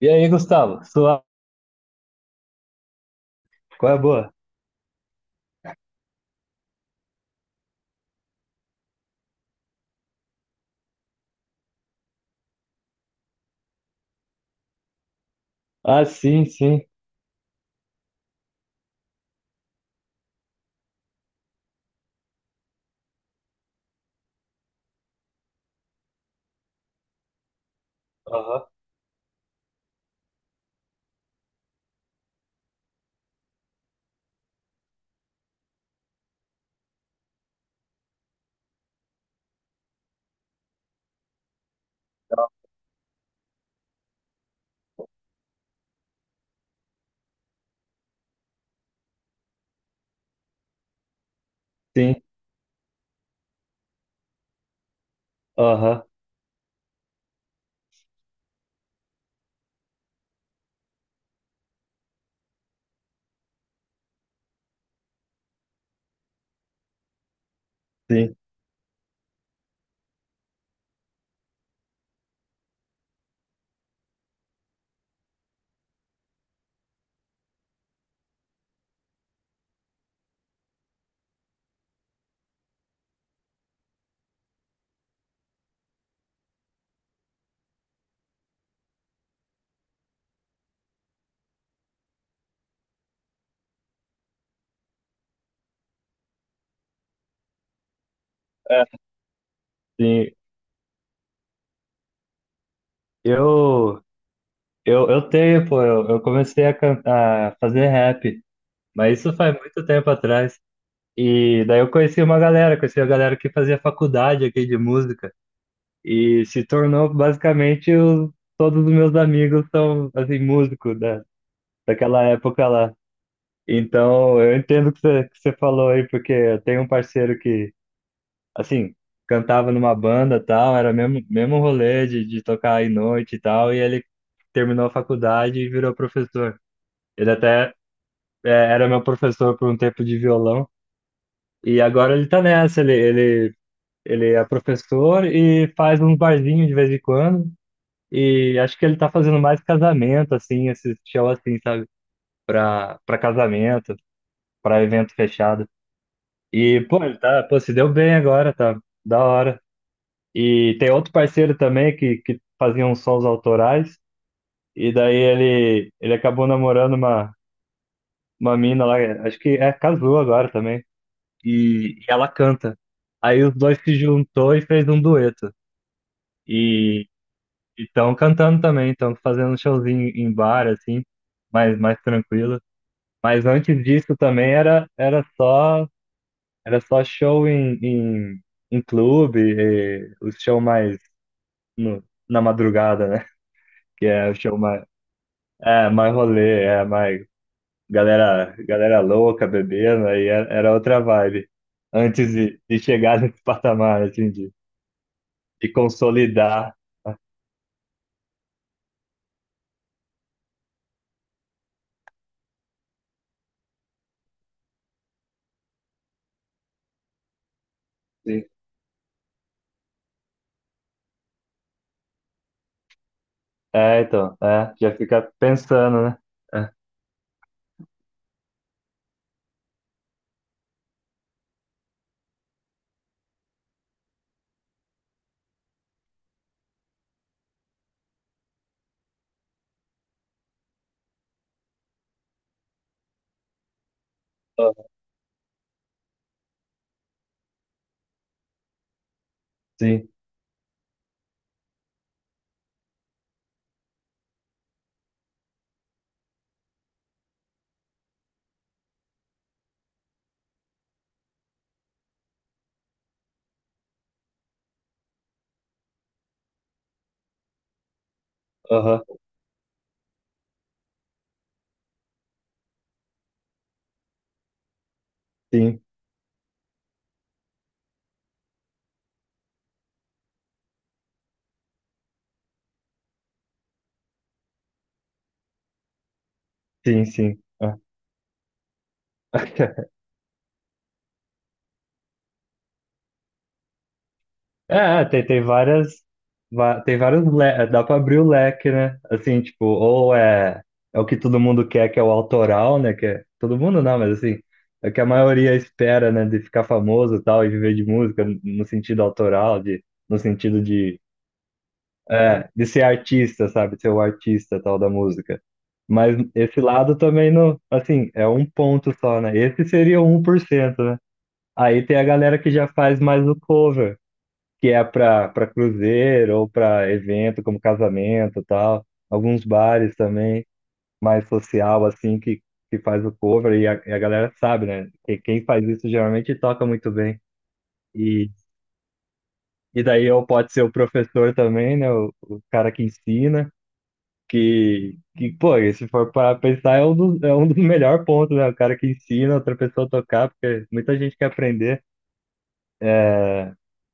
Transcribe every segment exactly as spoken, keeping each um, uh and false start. E aí, Gustavo? Sua... qual é a boa? Ah, sim, sim. Aham, sim. Aham, sim. É, sim. Eu, eu, eu tenho, pô. Eu, eu comecei a, can- a fazer rap, mas isso faz muito tempo atrás. E daí eu conheci uma galera, conheci a galera que fazia faculdade aqui de música. E se tornou basicamente os, todos os meus amigos são, assim, músicos da, daquela época lá. Então, eu entendo o que você, que você falou aí, porque eu tenho um parceiro que, assim, cantava numa banda e tal, era mesmo mesmo rolê de, de tocar aí noite e tal, e ele terminou a faculdade e virou professor. Ele até é, era meu professor por um tempo de violão, e agora ele tá nessa, ele, ele, ele é professor e faz uns barzinhos de vez em quando, e acho que ele tá fazendo mais casamento, assim, esse show assim, sabe, pra, pra casamento, pra evento fechado. E, pô, ele tá, pô, se deu bem agora, tá da hora. E tem outro parceiro também que, que fazia uns sons autorais, e daí ele, ele acabou namorando uma, uma mina lá, acho que é, casou agora também, e, e ela canta. Aí os dois se juntou e fez um dueto. E estão cantando também, estão fazendo um showzinho em bar, assim, mais, mais tranquilo. Mas antes disso também era, era só, era só show em, em, em clube, e o show mais no, na madrugada, né? Que é o show mais é, mais rolê, é, mais galera, galera louca bebendo, aí era era outra vibe. Antes de, de chegar nesse patamar, assim, de, de consolidar. Sim. É, então, é, já fica pensando, né? É. Aham, sim, aham, sim, sim, sim, é. É, é, tem, tem várias, va- tem vários, le- dá pra abrir o leque, né? Assim, tipo, ou é, é o que todo mundo quer, que é o autoral, né? Que é, todo mundo não, mas assim, é o que a maioria espera, né? De ficar famoso e tal, e viver de música no sentido autoral, de, no sentido de, é, de ser artista, sabe? Ser o artista tal da música. Mas esse lado também não, assim, é um ponto só, né? Esse seria o um por cento, né? Aí tem a galera que já faz mais o cover, que é para para cruzeiro ou para evento como casamento e tal, alguns bares também mais social assim que que faz o cover e a, e a galera sabe, né? Que quem faz isso geralmente toca muito bem. E e daí eu pode ser o professor também, né? O, o cara que ensina que que pô, se for para pensar é um dos, é um dos melhores pontos, né? O cara que ensina outra pessoa a tocar, porque muita gente quer aprender.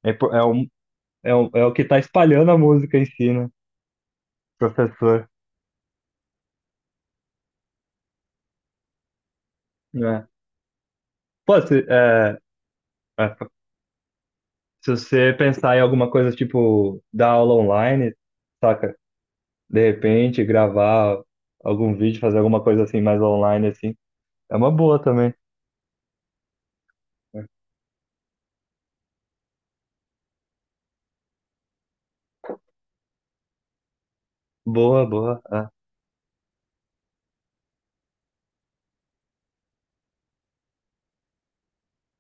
É, po- é, um, é, um, é o que tá espalhando a música em si, né? Professor. Pode, é, é, se você pensar em alguma coisa tipo dar aula online, saca? De repente, gravar algum vídeo, fazer alguma coisa assim mais online, assim. É uma boa também. Boa, boa. Ah,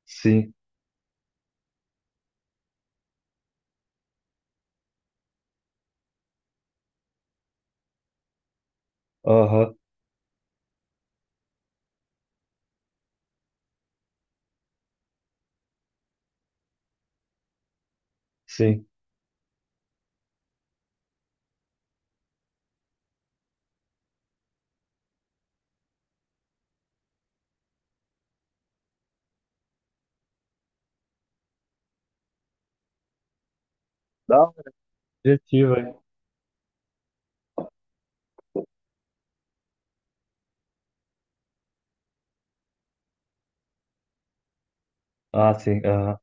sim. Aham, sim. Dá uma objetiva, hein? Ah, sim. Aham.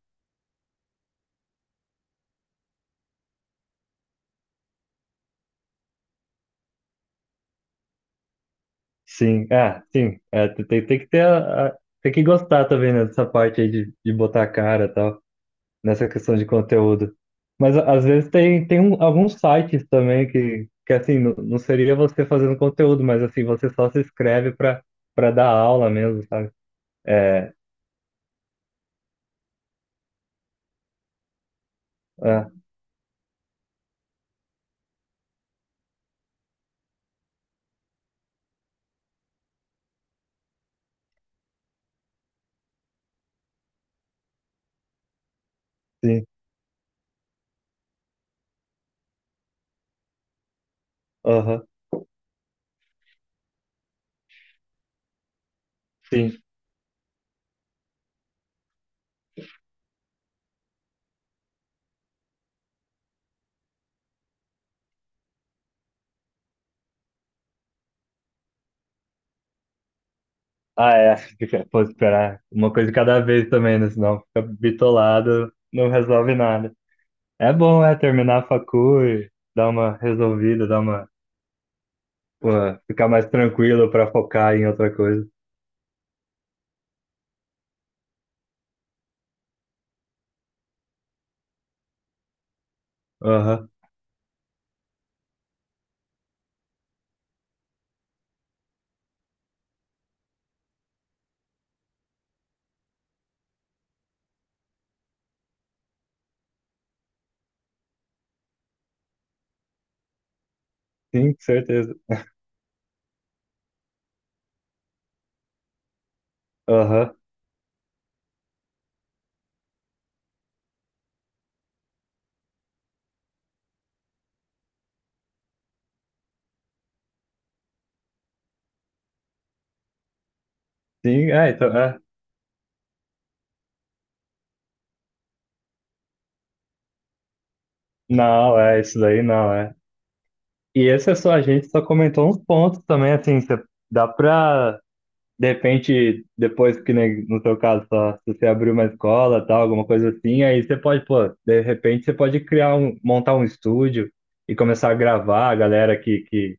Sim. É, sim. É, tem, tem tem que ter a, a- tem que gostar também, né, dessa parte aí de, de botar a cara e tal, nessa questão de conteúdo. Mas a- às vezes tem, tem um- alguns sites também que, que assim, não, não seria você fazendo conteúdo, mas assim, você só se inscreve para para dar aula mesmo, sabe? É, é, sim, aham, sim. Ah, é, fica- pô, esperar uma coisa de cada vez também, né? Senão fica bitolado, não resolve nada. É bom, é, terminar a facu e dar uma resolvida, dar uma, pô, ficar mais tranquilo para focar em outra coisa. Aham, sim, certeza. Aham. Sim, é, então, é. Não, é, isso daí não, é. E esse é só, a gente só comentou uns pontos também, assim, cê- dá pra, de repente, depois que, nem no seu caso, só, se você abrir uma escola, tal, alguma coisa assim, aí você pode, pô, de repente você pode criar um, montar um estúdio e começar a gravar a galera que, que,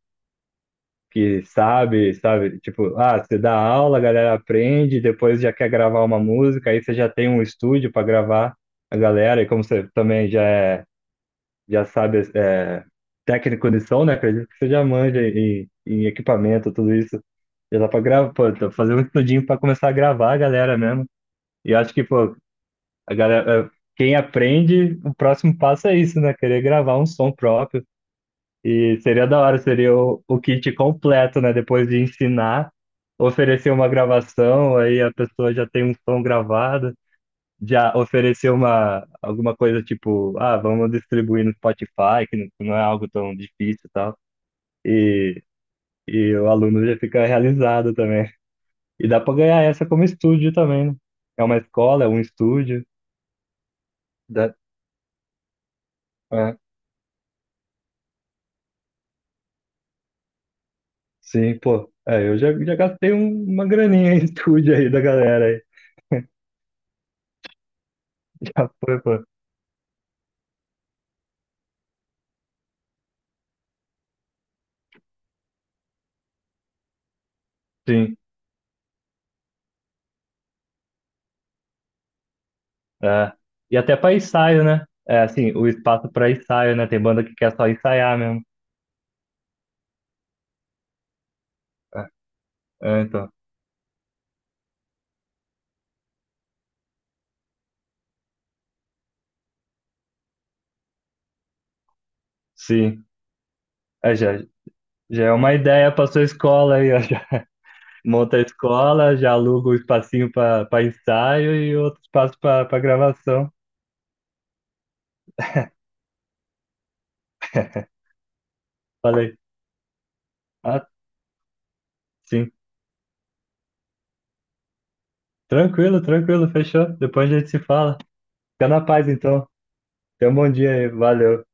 que sabe, sabe? Tipo, ah, você dá aula, a galera aprende, depois já quer gravar uma música, aí você já tem um estúdio pra gravar a galera, e como você também já é já sabe é, técnico de som, né? Acredito que você já manja em, em equipamento, tudo isso. Já dá pra gravar, pô, tá fazer um estudinho pra começar a gravar a galera mesmo. E eu acho que, pô, a galera, é, quem aprende, o próximo passo é isso, né? Querer gravar um som próprio. E seria da hora, seria o, o kit completo, né? Depois de ensinar, oferecer uma gravação, aí a pessoa já tem um som gravado já oferecer uma, alguma coisa tipo, ah, vamos distribuir no Spotify, que não, que não é algo tão difícil e tal. E, e o aluno já fica realizado também. E dá para ganhar essa como estúdio também, né? É uma escola, é um estúdio. Dá, é, sim, pô. É, eu já, já gastei um- uma graninha em estúdio aí da galera aí. Já foi, pô. Sim. É. E até para ensaio, né? É, assim, o espaço para ensaio, né? Tem banda que quer só ensaiar mesmo. É, é, então. Sim. É, já, já é uma ideia para sua escola aí, ó. Já monta a escola, já aluga um espacinho para ensaio e outro espaço para gravação. Falei, ah, sim. Tranquilo, tranquilo, fechou. Depois a gente se fala. Fica na paz então. Tenha um bom dia aí, valeu.